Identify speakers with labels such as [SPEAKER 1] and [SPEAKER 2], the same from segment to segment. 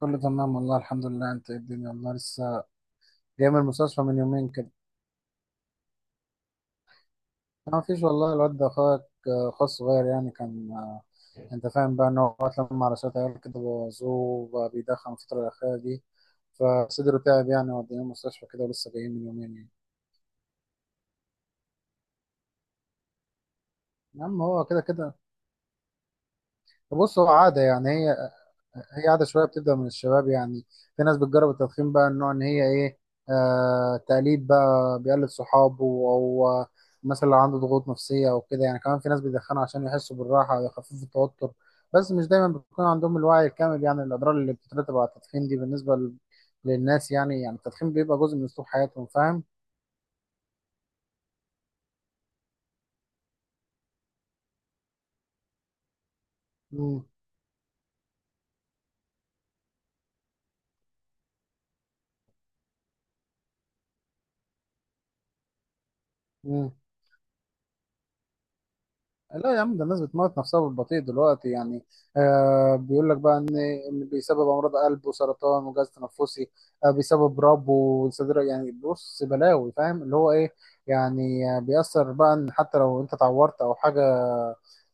[SPEAKER 1] كله تمام والله الحمد لله. انت ايه الدنيا؟ والله لسه جاي من المستشفى من يومين كده. ما فيش والله، الواد ده اخوك، آه اخوه الصغير يعني كان، انت فاهم بقى ان هو اتلم على شويه عيال كده بوظوه، وبقى بيدخن الفتره الاخيره دي، فصدره تعب يعني، وديناه المستشفى كده ولسه جايين من يومين يعني. يا عم هو كده كده. بص هو عاده يعني، هي عادة شوية بتبدأ من الشباب يعني. في ناس بتجرب التدخين، بقى النوع إن هي إيه، آه تقليد، بقى بيقلد صحابه، أو مثلا لو عنده ضغوط نفسية أو كده يعني. كمان في ناس بيدخنوا عشان يحسوا بالراحة ويخففوا التوتر، بس مش دايما بيكون عندهم الوعي الكامل، يعني الأضرار اللي بتترتب على التدخين دي بالنسبة للناس يعني التدخين بيبقى جزء من أسلوب حياتهم، فاهم؟ مم. مم. لا يا عم، ده الناس بتموت نفسها بالبطيء دلوقتي يعني. آه بيقول لك بقى ان بيسبب امراض قلب وسرطان وجهاز تنفسي، آه بيسبب رب وصدر، يعني بص بلاوي، فاهم اللي هو ايه. يعني بيأثر بقى ان حتى لو انت اتعورت او حاجه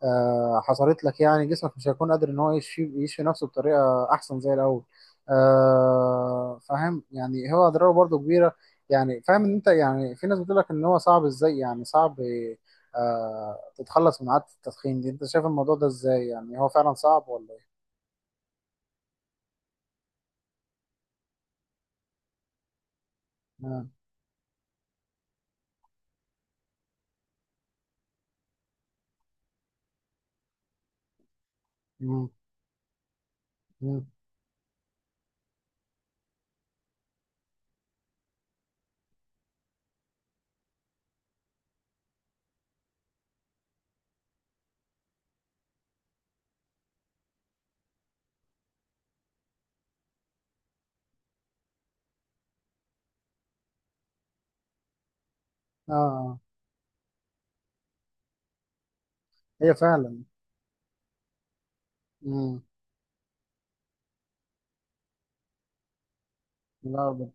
[SPEAKER 1] آه حصلت لك، يعني جسمك مش هيكون قادر ان هو يشفي نفسه بطريقه احسن زي الاول. آه فاهم يعني، هو اضراره برضو كبيره. يعني فاهم ان انت، يعني في ناس بتقول لك ان هو صعب ازاي، يعني صعب آه تتخلص من عادة التدخين دي. انت شايف الموضوع ده ازاي، يعني هو فعلا صعب ولا ايه؟ اه. مم. مم. آه. هي فعلا. لا بت...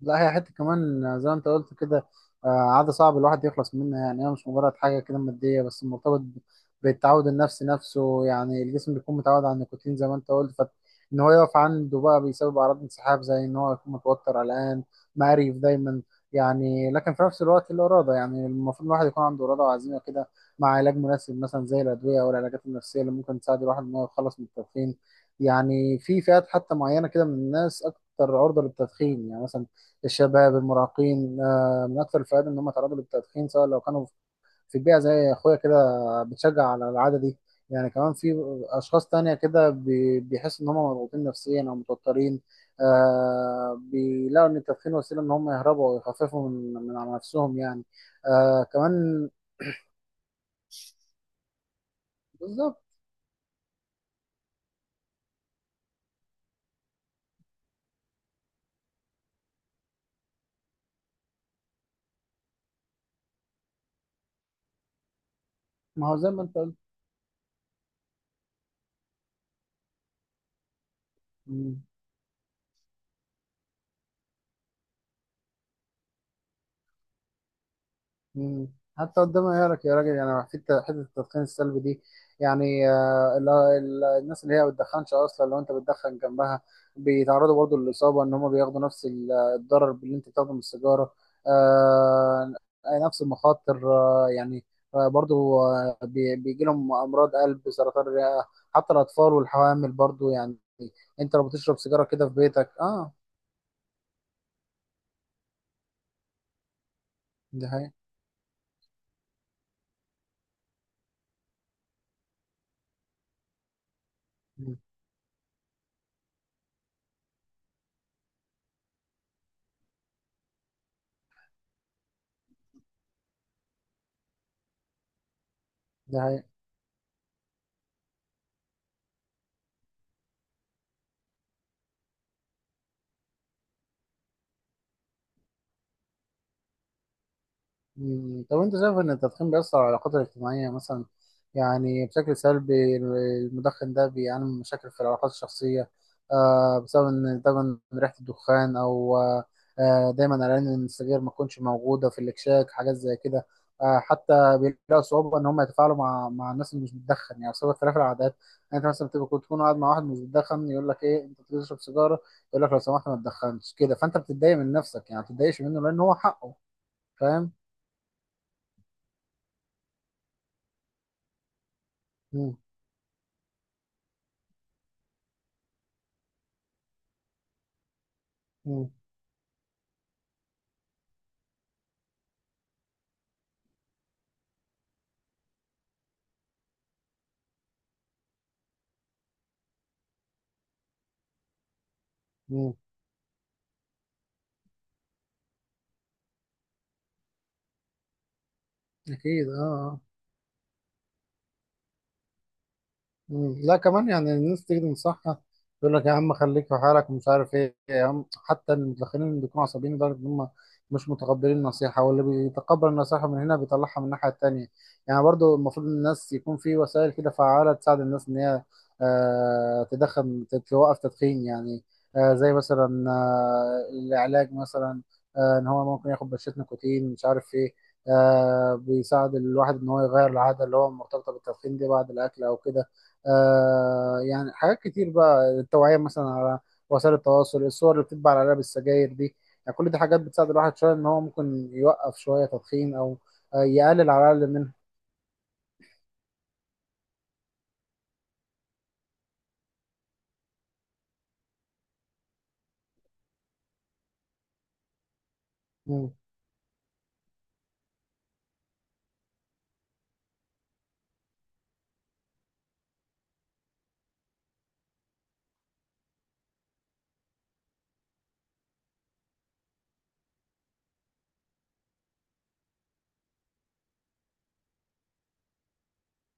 [SPEAKER 1] لا هي حتة كمان زي ما انت قلت كده، عادة صعب الواحد يخلص منها يعني. هي مش مجرد حاجة كده مادية بس، مرتبط بالتعود النفسي نفسه، يعني الجسم بيكون متعود على النيكوتين زي ما انت قلت، فإن هو يقف عنده بقى بيسبب أعراض انسحاب، زي إن هو يكون متوتر قلقان مقريف دايما يعني. لكن في نفس الوقت الإرادة، يعني المفروض الواحد يكون عنده إرادة وعزيمة كده، مع علاج مناسب مثلا زي الأدوية أو العلاجات النفسية اللي ممكن تساعد الواحد إن هو يتخلص من التدخين. يعني في فئات حتى معينة كده من الناس اكتر عرضه للتدخين، يعني مثلا الشباب المراهقين، من اكتر الفئات ان هم تعرضوا للتدخين، سواء لو كانوا في بيئه زي اخويا كده بتشجع على العاده دي. يعني كمان في اشخاص تانية كده بيحسوا ان هم مضغوطين نفسيا او متوترين، آه بيلاقوا ان التدخين وسيله ان هم يهربوا ويخففوا من على نفسهم يعني. آه كمان بالظبط. ما هو زي ما انت قلت. مم. حتى قدام عيالك يا راجل، يعني حته التدخين السلبي دي، يعني الناس اللي هي ما بتدخنش اصلا، لو انت بتدخن جنبها بيتعرضوا برضو للاصابه، ان هم بياخدوا نفس الضرر اللي انت بتاخده من السيجاره، آه، نفس المخاطر، بيجي لهم امراض قلب سرطان الرئه، حتى الاطفال والحوامل برضو يعني. انت لو بتشرب سيجاره كده في بيتك، اه. ده هي. ده هي. مم. طب انت شايف ان التدخين بيأثر على العلاقات الاجتماعية مثلا، يعني بشكل سلبي؟ المدخن ده بيعاني من مشاكل في العلاقات الشخصية، آه بسبب ان دايما ريحة الدخان، او آه دايما قلقان ان السجاير ما تكونش موجودة في الاكشاك، حاجات زي كده. آه حتى بيلاقوا صعوبة ان هم يتفاعلوا مع الناس اللي مش بتدخن، يعني بسبب اختلاف العادات. يعني انت مثلا بتبقى كنت تكون قاعد مع واحد مش بتدخن، يقول لك ايه انت بتشرب سيجارة، يقول لك لو سمحت ما تدخنش كده، فانت بتتضايق من نفسك يعني، ما بتتضايقش منه لان هو حقه، فاهم؟ مم. مم. مم. أكيد أه آه. مم. لا كمان يعني الناس تيجي تنصحها، يقول لك يا عم خليك في حالك ومش عارف ايه يا عم، حتى المدخنين اللي بيكونوا عصبيين لدرجه ان هم مش متقبلين النصيحه، واللي بيتقبل النصيحه من هنا بيطلعها من الناحيه التانيه. يعني برضو المفروض الناس يكون في وسائل كده فعاله تساعد الناس ان هي آه تدخن توقف تدخين يعني، آه زي مثلا آه العلاج مثلا، آه ان هو ممكن ياخد بشره نيكوتين مش عارف ايه، آه بيساعد الواحد ان هو يغير العاده اللي هو مرتبطه بالتدخين دي بعد الاكل او كده. آه يعني حاجات كتير، بقى التوعية مثلا على وسائل التواصل، الصور اللي بتتباع على علب السجاير دي، يعني كل دي حاجات بتساعد الواحد شوية إن هو ممكن يوقف شوية تدخين، أو آه يقلل على الأقل منها. مم.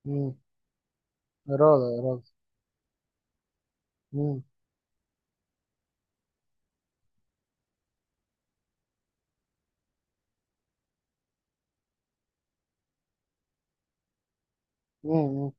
[SPEAKER 1] مم. إرادة إرادة. مم. مم.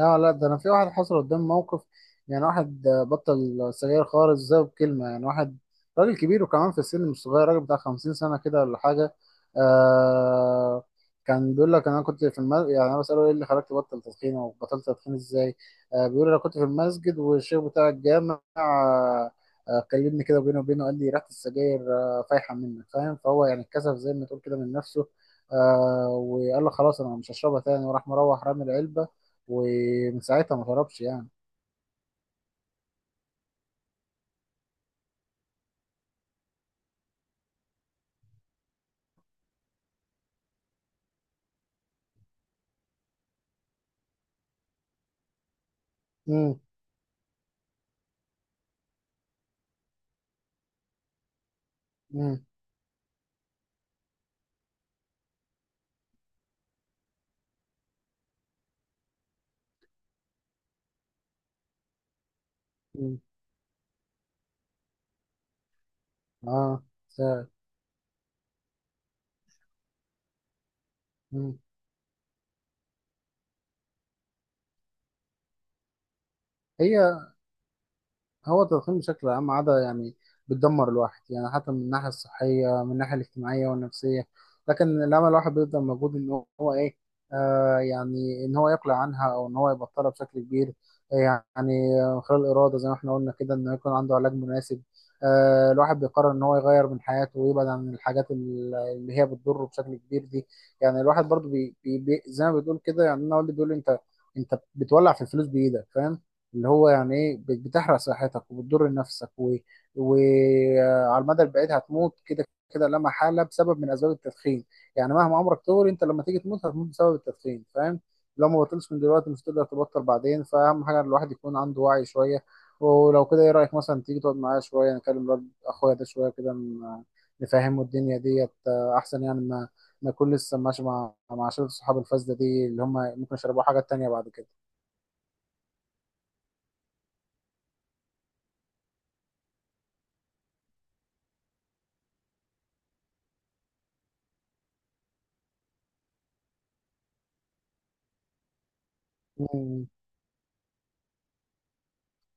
[SPEAKER 1] اه لا، ده انا في واحد حصل قدام موقف، يعني واحد بطل سجاير خالص زي بكلمة، يعني واحد راجل كبير وكمان في السن مش صغير، راجل بتاع 50 سنة كده ولا حاجة. آه كان بيقول لك انا كنت في المسجد، يعني انا بسأله ايه اللي خلاك تبطل تدخين او بطلت تدخين ازاي، آه بيقول لي انا كنت في المسجد والشيخ بتاع الجامع كلمني كده بينه وبينه، قال لي ريحة السجاير آه فايحة منك فاهم، فهو يعني اتكسف زي ما تقول كده من نفسه، آه وقال له خلاص انا مش هشربها تاني، وراح مروح رامي العلبة، ومن ساعتها ما هربش يعني. امم. امم. امم. اه. ساعد. مم. هي. هو التدخين بشكل عام عادة يعني بتدمر الواحد، يعني حتى من الناحية الصحية، من الناحية الاجتماعية والنفسية. لكن لما الواحد بيبذل مجهود إن هو إيه، آه يعني إن هو يقلع عنها أو إن هو يبطلها بشكل كبير، خلال الإرادة زي ما إحنا قلنا كده، إنه يكون عنده علاج مناسب، آه الواحد بيقرر إن هو يغير من حياته ويبعد عن الحاجات اللي هي بتضره بشكل كبير دي. يعني الواحد برضه زي ما بتقول كده، يعني أنا والدي بيقول لي أنت بتولع في الفلوس بإيدك فاهم، اللي هو يعني ايه، بتحرق صحتك وبتضر نفسك وعلى المدى البعيد هتموت كده كده لا محاله، بسبب من اسباب التدخين يعني. مهما عمرك طول، انت لما تيجي تموت هتموت بسبب التدخين فاهم، لو ما بطلش من دلوقتي مش تقدر تبطل بعدين فاهم حاجه. الواحد يكون عنده وعي شويه. ولو كده ايه رايك مثلا تيجي تقعد معايا شويه، نكلم الواد اخويا ده شويه كده، نفهمه الدنيا ديت احسن، يعني ما يكون لسه ماشي مع شله صحاب الفاسده دي اللي هم ممكن يشربوا حاجات تانية بعد كده.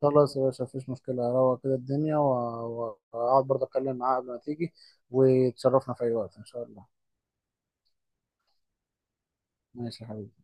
[SPEAKER 1] خلاص يا باشا مفيش مشكلة، أروق كده الدنيا وأقعد برضه أتكلم معاه قبل ما تيجي، وتشرفنا في أي وقت إن شاء الله. ماشي يا حبيبي.